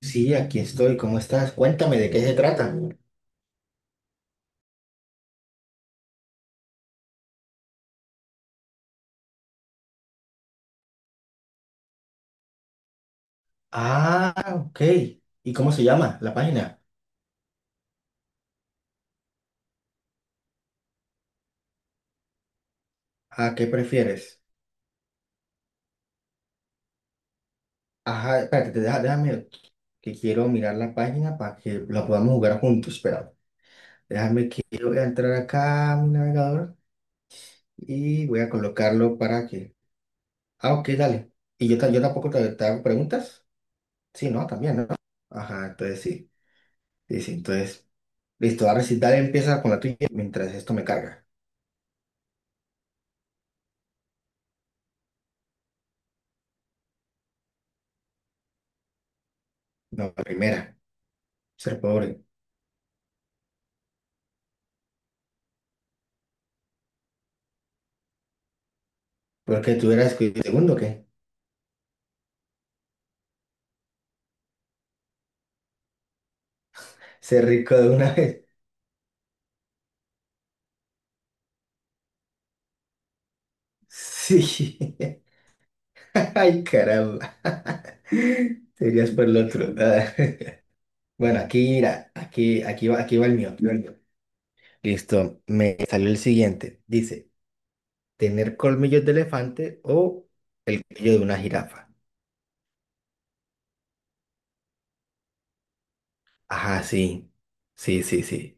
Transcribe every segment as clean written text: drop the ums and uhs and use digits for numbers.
Sí, aquí estoy. ¿Cómo estás? Cuéntame de qué se trata. Ah, ok. ¿Y cómo se llama la página? ¿A qué prefieres? Ajá, espérate, déjame que quiero mirar la página para que la podamos jugar juntos. Espera, déjame que yo voy a entrar acá a mi navegador y voy a colocarlo para que. Ah, ok, dale. ¿Y yo, yo tampoco te, te hago preguntas? Sí, no, también, ¿no? Ajá, entonces sí. Sí, sí, entonces. Listo, ahora sí, dale, empieza con la tuya mientras esto me carga. No, la primera, ser pobre. Porque tú eras segundo, ¿qué? Ser rico de una vez. Sí. Ay, caramba. Serías por el otro. Ah, bueno, aquí, mira, aquí va el mío, aquí va el mío. Listo, me salió el siguiente. Dice, ¿tener colmillos de elefante o el cuello de una jirafa? Ajá, sí. Sí, sí, sí.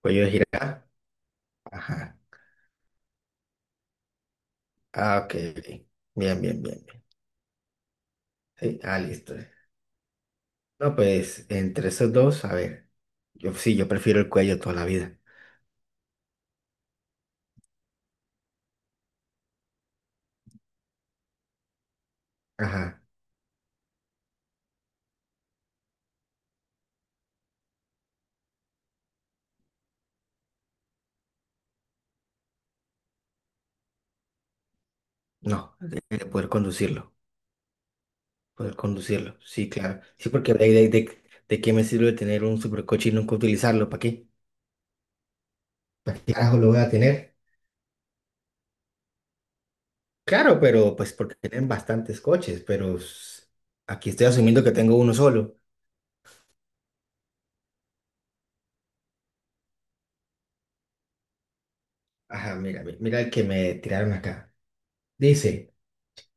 Cuello de jirafa. Ajá. Ah, ok. Ok. Bien, bien, bien. Sí, ah, listo. No, pues, entre esos dos, a ver. Yo sí, yo prefiero el cuello toda la vida. Ajá. No, de poder conducirlo. Poder conducirlo. Sí, claro. Sí, porque de qué me sirve tener un supercoche y nunca utilizarlo. ¿Para qué? ¿Para qué carajo lo voy a tener? Claro, pero pues porque tienen bastantes coches, pero aquí estoy asumiendo que tengo uno solo. Ajá, mira, mira el que me tiraron acá. Dice,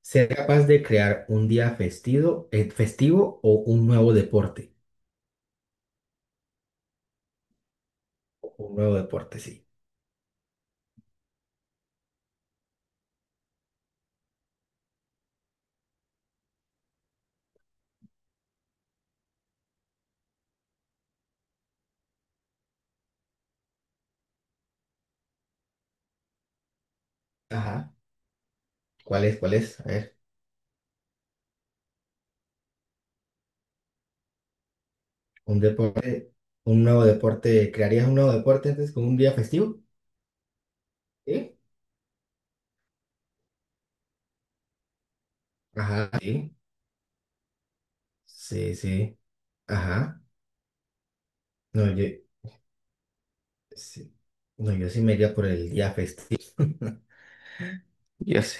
ser capaz de crear un día festivo, festivo o un nuevo deporte. Un nuevo deporte, sí. Ajá. ¿Cuál es? ¿Cuál es? A ver. Un deporte, un nuevo deporte, ¿crearías un nuevo deporte antes con un día festivo? Sí. Ajá, sí, sí, sí, ajá. No, yo, sí. No, yo sí me iría por el día festivo. Yo sé.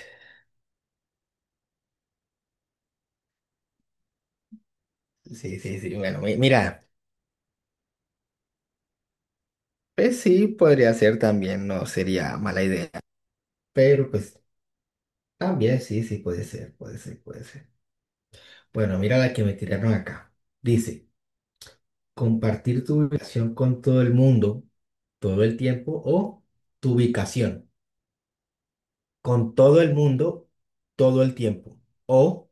Sí, sí, sí, bueno, mira, pues sí, podría ser también, no sería mala idea, pero pues también sí, sí, puede ser, puede ser, puede ser. Bueno, mira la que me tiraron acá. Dice, compartir tu ubicación con todo el mundo todo el tiempo o tu ubicación, con todo el mundo todo el tiempo o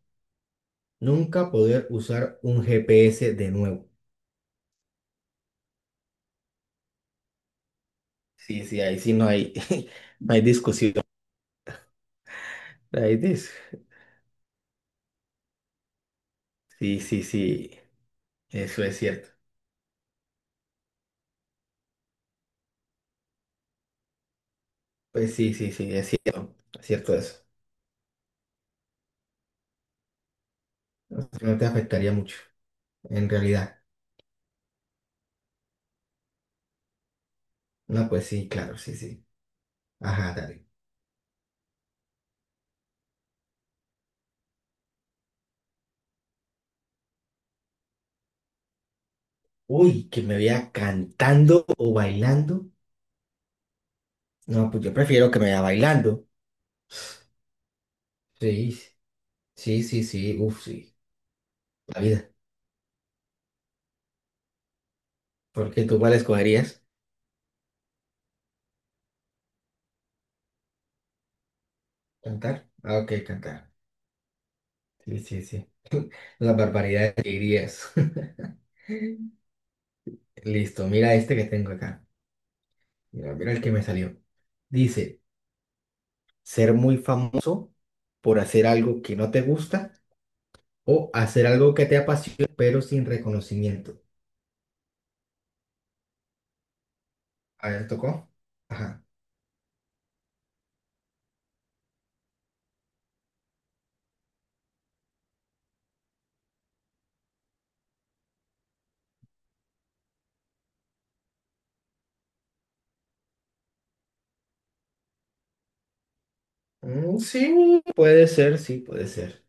nunca poder usar un GPS de nuevo. Sí, sí, ahí sí no hay, no hay discusión. Ahí dis- Sí, sí, sí, eso es cierto. Pues sí, sí, sí, es cierto eso. No te afectaría mucho, en realidad. No, pues sí, claro, sí, sí. Ajá, dale. Uy, que me vea cantando o bailando. No, pues yo prefiero que me vea bailando. Sí, sí, sí, sí, uff, sí. La vida. ¿Por qué tú cuál escogerías? ¿Cantar? Ah, ok, cantar. Sí, sí, sí. Las barbaridades que dirías. Listo, mira este que tengo acá. Mira, mira el que me salió. Dice, ser muy famoso por hacer algo que no te gusta o hacer algo que te apasiona pero sin reconocimiento. A ver, ¿tocó? Ajá. Mm, sí, puede ser, sí, puede ser.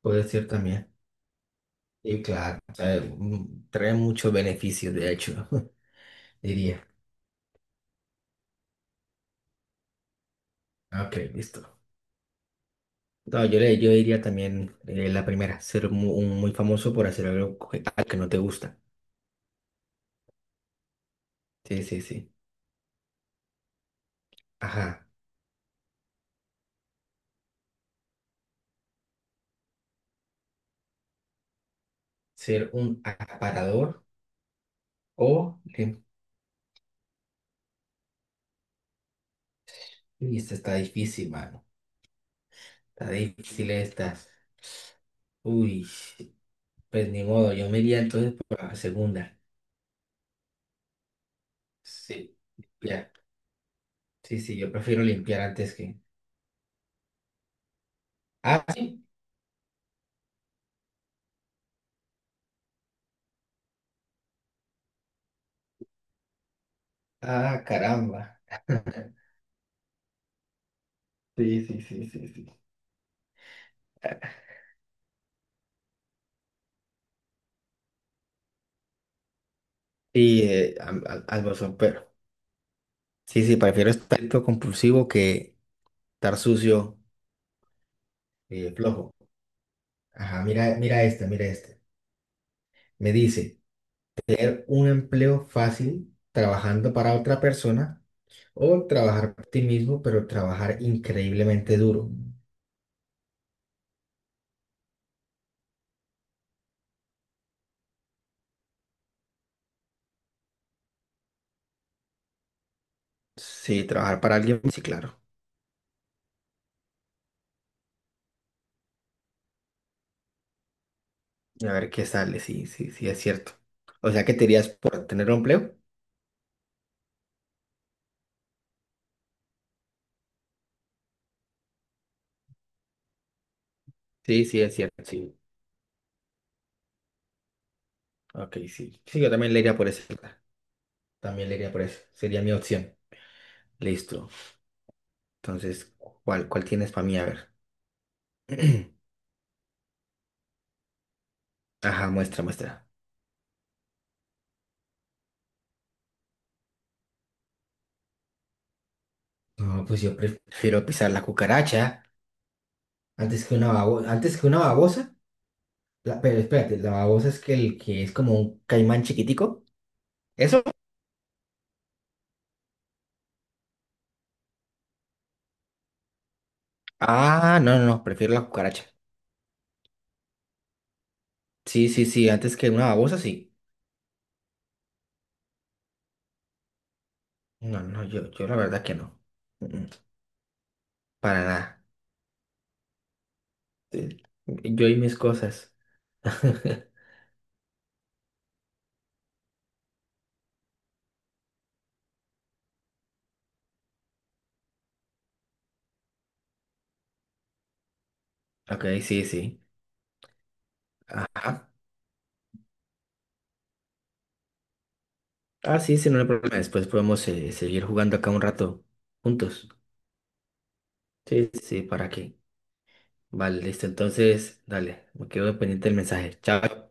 Puede ser también. Y claro, o sea, mm, trae muchos beneficios, de hecho, diría. Ok, listo. No, yo, le, yo diría también la primera, ser un muy, famoso por hacer algo que no te gusta. Sí, sí, sí. Ajá. Ser un aparador o... lim- Uy, esta está difícil, mano. Está difícil esta. Uy, pues ni modo, yo me iría entonces por la segunda. Sí, ya. Sí, sí, yo prefiero limpiar antes que... Ah, sí. Ah, caramba. Sí, sí, sí, sí, sí. Sí, al bosón, pero... Sí, sí, prefiero estar compulsivo que... estar sucio y flojo. Ajá, mira, mira este, mira este. Me dice, tener un empleo fácil trabajando para otra persona o trabajar para ti mismo, pero trabajar increíblemente duro. Sí, trabajar para alguien, sí, claro. A ver qué sale, sí, sí, sí, es cierto. O sea, ¿qué te dirías por tener un empleo? Sí, sí, es cierto, sí. Ok, sí. Sí, yo también le iría por eso. También le iría por eso. Sería mi opción. Listo. Entonces, cuál tienes para mí? A ver. Ajá, muestra, muestra. No, pues yo prefiero pisar la cucaracha antes que una babosa. Antes que una babosa. La- pero espérate, la babosa es que el que es como un caimán chiquitico. ¿Eso? Ah, no, no, no, prefiero la cucaracha. Sí, sí, sí, antes que una babosa, sí. No, no, yo la verdad que no. Mm, para nada. Eh, Yo y mis cosas. Ok, sí, sí. Ajá. Ah, sí, sí, no hay problema. Después podemos seguir jugando acá un rato juntos. Sí, sí, sí, ¿para qué? Vale, listo. Entonces, dale, me quedo pendiente del mensaje. Chao.